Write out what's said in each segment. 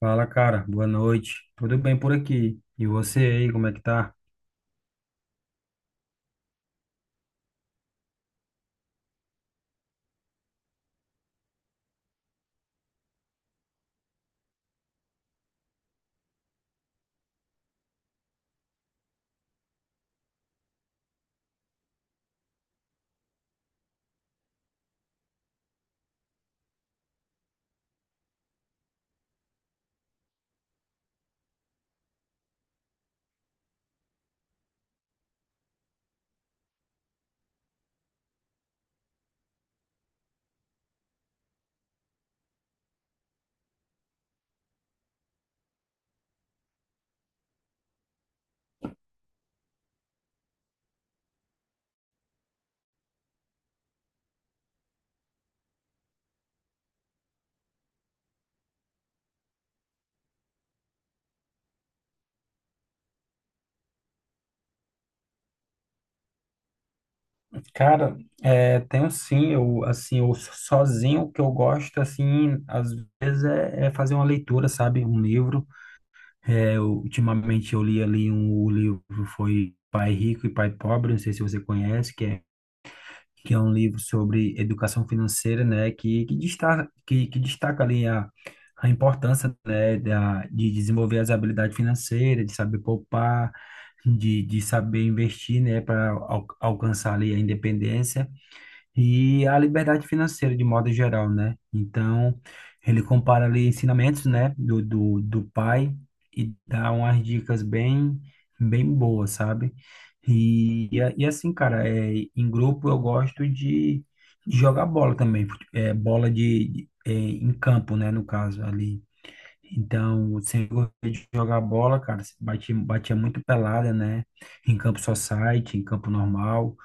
Fala, cara. Boa noite. Tudo bem por aqui? E você aí, como é que tá? Cara, é, tenho sim, eu assim, eu sozinho o que eu gosto assim, às vezes é fazer uma leitura, sabe? Um livro. É, ultimamente eu li ali o livro foi Pai Rico e Pai Pobre, não sei se você conhece, que é um livro sobre educação financeira, né, que destaca ali a, importância, né, de desenvolver as habilidades financeiras, de saber poupar, de saber investir, né, para alcançar ali a independência. E a liberdade financeira, de modo geral, né? Então, ele compara ali ensinamentos, né, do pai e dá umas dicas bem, bem boas, sabe? E assim, cara, em grupo eu gosto de, jogar bola também, bola em campo, né, no caso, ali. Então, eu sempre gostei de jogar bola, cara, batia muito pelada, né? Em campo society, em campo normal.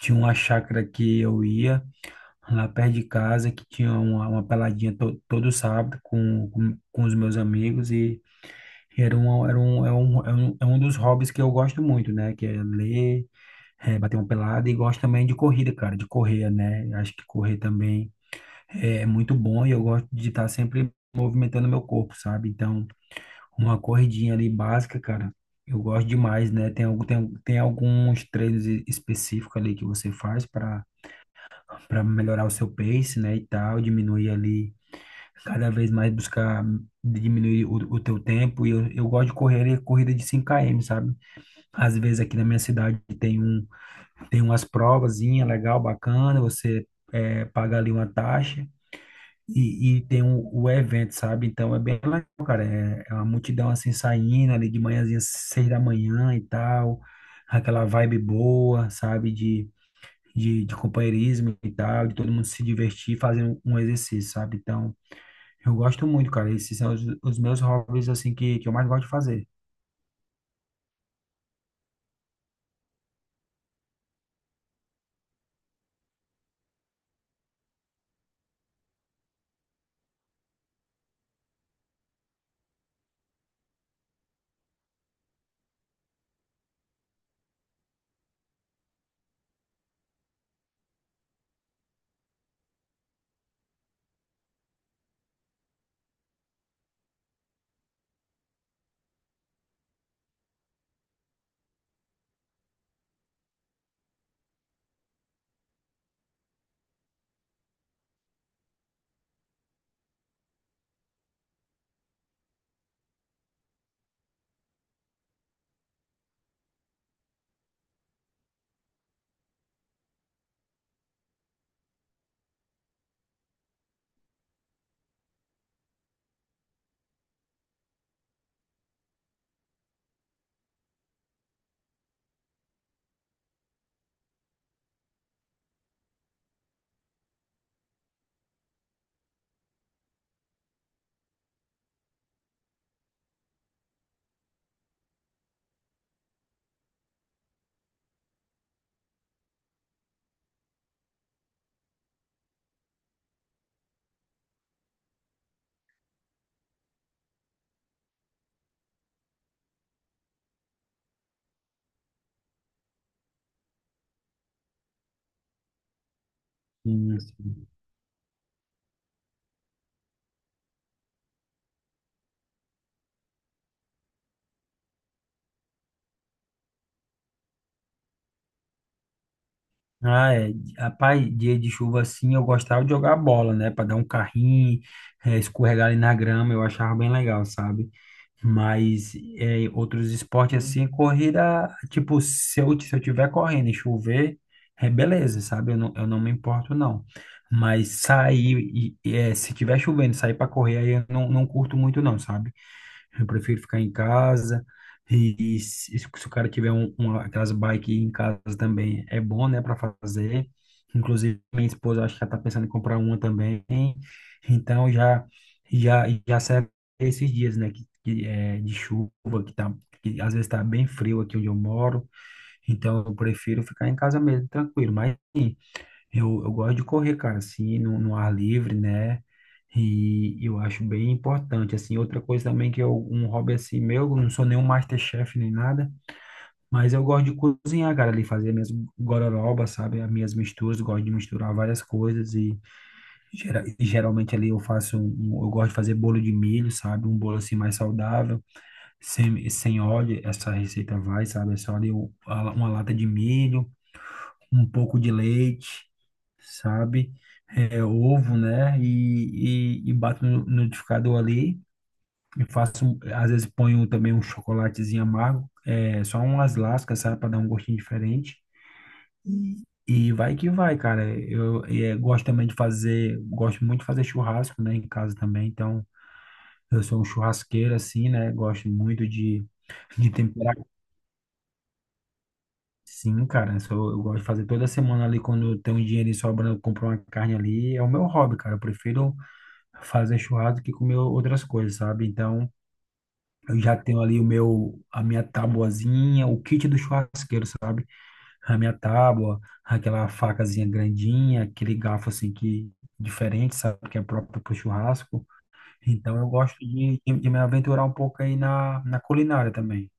Tinha uma chácara que eu ia lá perto de casa, que tinha uma, peladinha todo sábado com os meus amigos e era um, é um, é um, é um dos hobbies que eu gosto muito, né? Que é ler, bater uma pelada e gosto também de corrida, cara, de correr, né? Acho que correr também é muito bom e eu gosto de estar sempre movimentando meu corpo, sabe? Então, uma corridinha ali básica, cara, eu gosto demais, né? Tem alguns treinos específicos ali que você faz para melhorar o seu pace, né, e tal, diminuir ali, cada vez mais buscar diminuir o teu tempo. E eu gosto de correr corrida de 5 km, sabe? Às vezes aqui na minha cidade tem umas provazinha legal, bacana, você é paga ali uma taxa. E tem o evento, sabe? Então é bem legal, cara. É uma multidão assim saindo ali de manhãzinha, 6 da manhã e tal. Aquela vibe boa, sabe? De companheirismo e tal, de todo mundo se divertir fazendo um exercício, sabe? Então, eu gosto muito, cara. Esses são os meus hobbies, assim, que eu mais gosto de fazer. Sim, assim. Ah, é. Rapaz, dia de chuva assim, eu gostava de jogar bola, né? Pra dar um carrinho, escorregar ali na grama, eu achava bem legal, sabe? Mas outros esportes assim, corrida, tipo, se eu tiver correndo e chover, é beleza, sabe? Eu não me importo, não. Mas sair, se tiver chovendo, sair pra correr, aí eu não curto muito, não, sabe? Eu prefiro ficar em casa. E se o cara tiver aquelas bike em casa também, é bom, né, para fazer. Inclusive, minha esposa acho que já está pensando em comprar uma também. Então, já já já serve esses dias, né, que é de chuva, que tá que às vezes está bem frio aqui onde eu moro. Então, eu prefiro ficar em casa mesmo, tranquilo. Mas sim, eu gosto de correr, cara, assim, no ar livre, né? E eu acho bem importante, assim. Outra coisa também que é um hobby assim meu, eu não sou nenhum MasterChef nem nada, mas eu gosto de cozinhar, cara, ali fazer minhas gororobas, sabe? As minhas misturas, gosto de misturar várias coisas e, e geralmente ali eu eu gosto de fazer bolo de milho, sabe? Um bolo assim mais saudável, sem óleo, essa receita vai, sabe? É só ali uma lata de milho um pouco de leite, sabe? É, ovo, né? E bato no liquidificador ali. E faço, um, às vezes ponho também um chocolatezinho amargo, é, só umas lascas, sabe? Para dar um gostinho diferente. E vai que vai, cara. Eu, gosto também de fazer, gosto muito de fazer churrasco, né? Em casa também. Então, eu sou um churrasqueiro, assim, né? Gosto muito de temperar. Sim, cara, isso eu gosto de fazer toda semana ali, quando eu tenho um dinheirinho sobrando, eu compro uma carne ali, é o meu hobby, cara, eu prefiro fazer churrasco que comer outras coisas, sabe? Então, eu já tenho ali o meu, a minha tabuazinha, o kit do churrasqueiro, sabe? A minha tábua, aquela facazinha grandinha, aquele garfo assim que diferente, sabe? Que é próprio pro churrasco. Então, eu gosto de me aventurar um pouco aí na, na culinária também.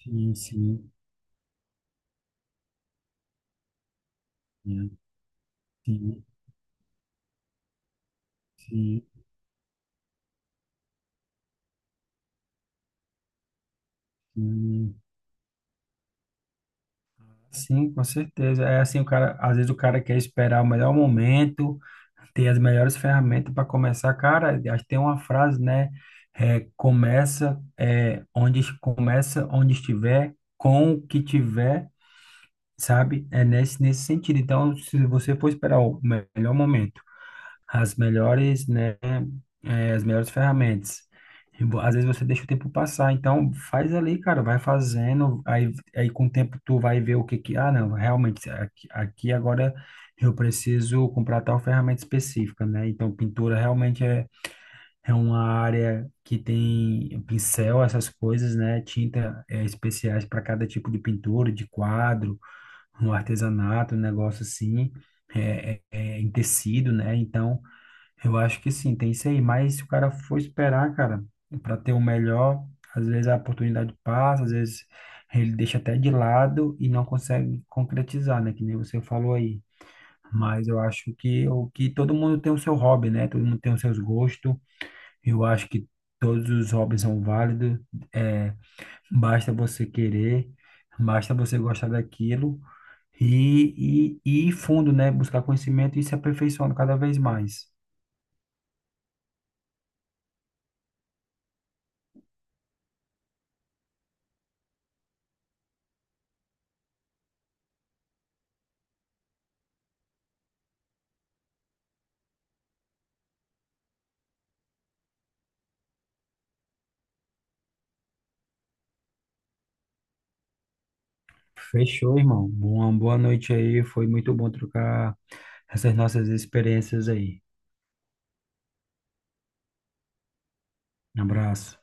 Sim, sim, sim, sim, sim, sim, sim. com certeza. É assim, o cara, às vezes o cara quer esperar o melhor momento, ter as melhores ferramentas para começar. Cara, acho que tem uma frase, né? Onde começa onde estiver, com o que tiver, sabe? É nesse, nesse sentido. Então, se você for esperar o melhor momento as melhores, né, as melhores ferramentas. E, às vezes você deixa o tempo passar, então faz ali, cara, vai fazendo, aí com o tempo tu vai ver o que que, ah, não, realmente, aqui agora eu preciso comprar tal ferramenta específica, né? Então pintura realmente é uma área que tem pincel, essas coisas, né? Tinta especiais para cada tipo de pintura, de quadro, um artesanato, um negócio assim, em tecido, né? Então eu acho que sim, tem isso aí. Mas se o cara for esperar, cara, para ter o melhor, às vezes a oportunidade passa, às vezes ele deixa até de lado e não consegue concretizar, né? Que nem você falou aí. Mas eu acho que o que todo mundo tem o seu hobby, né? Todo mundo tem os seus gostos. Eu acho que todos os hobbies são válidos. É, basta você querer, basta você gostar daquilo e ir fundo, né? Buscar conhecimento e se aperfeiçoando cada vez mais. Fechou, irmão. Uma boa noite aí. Foi muito bom trocar essas nossas experiências aí. Um abraço.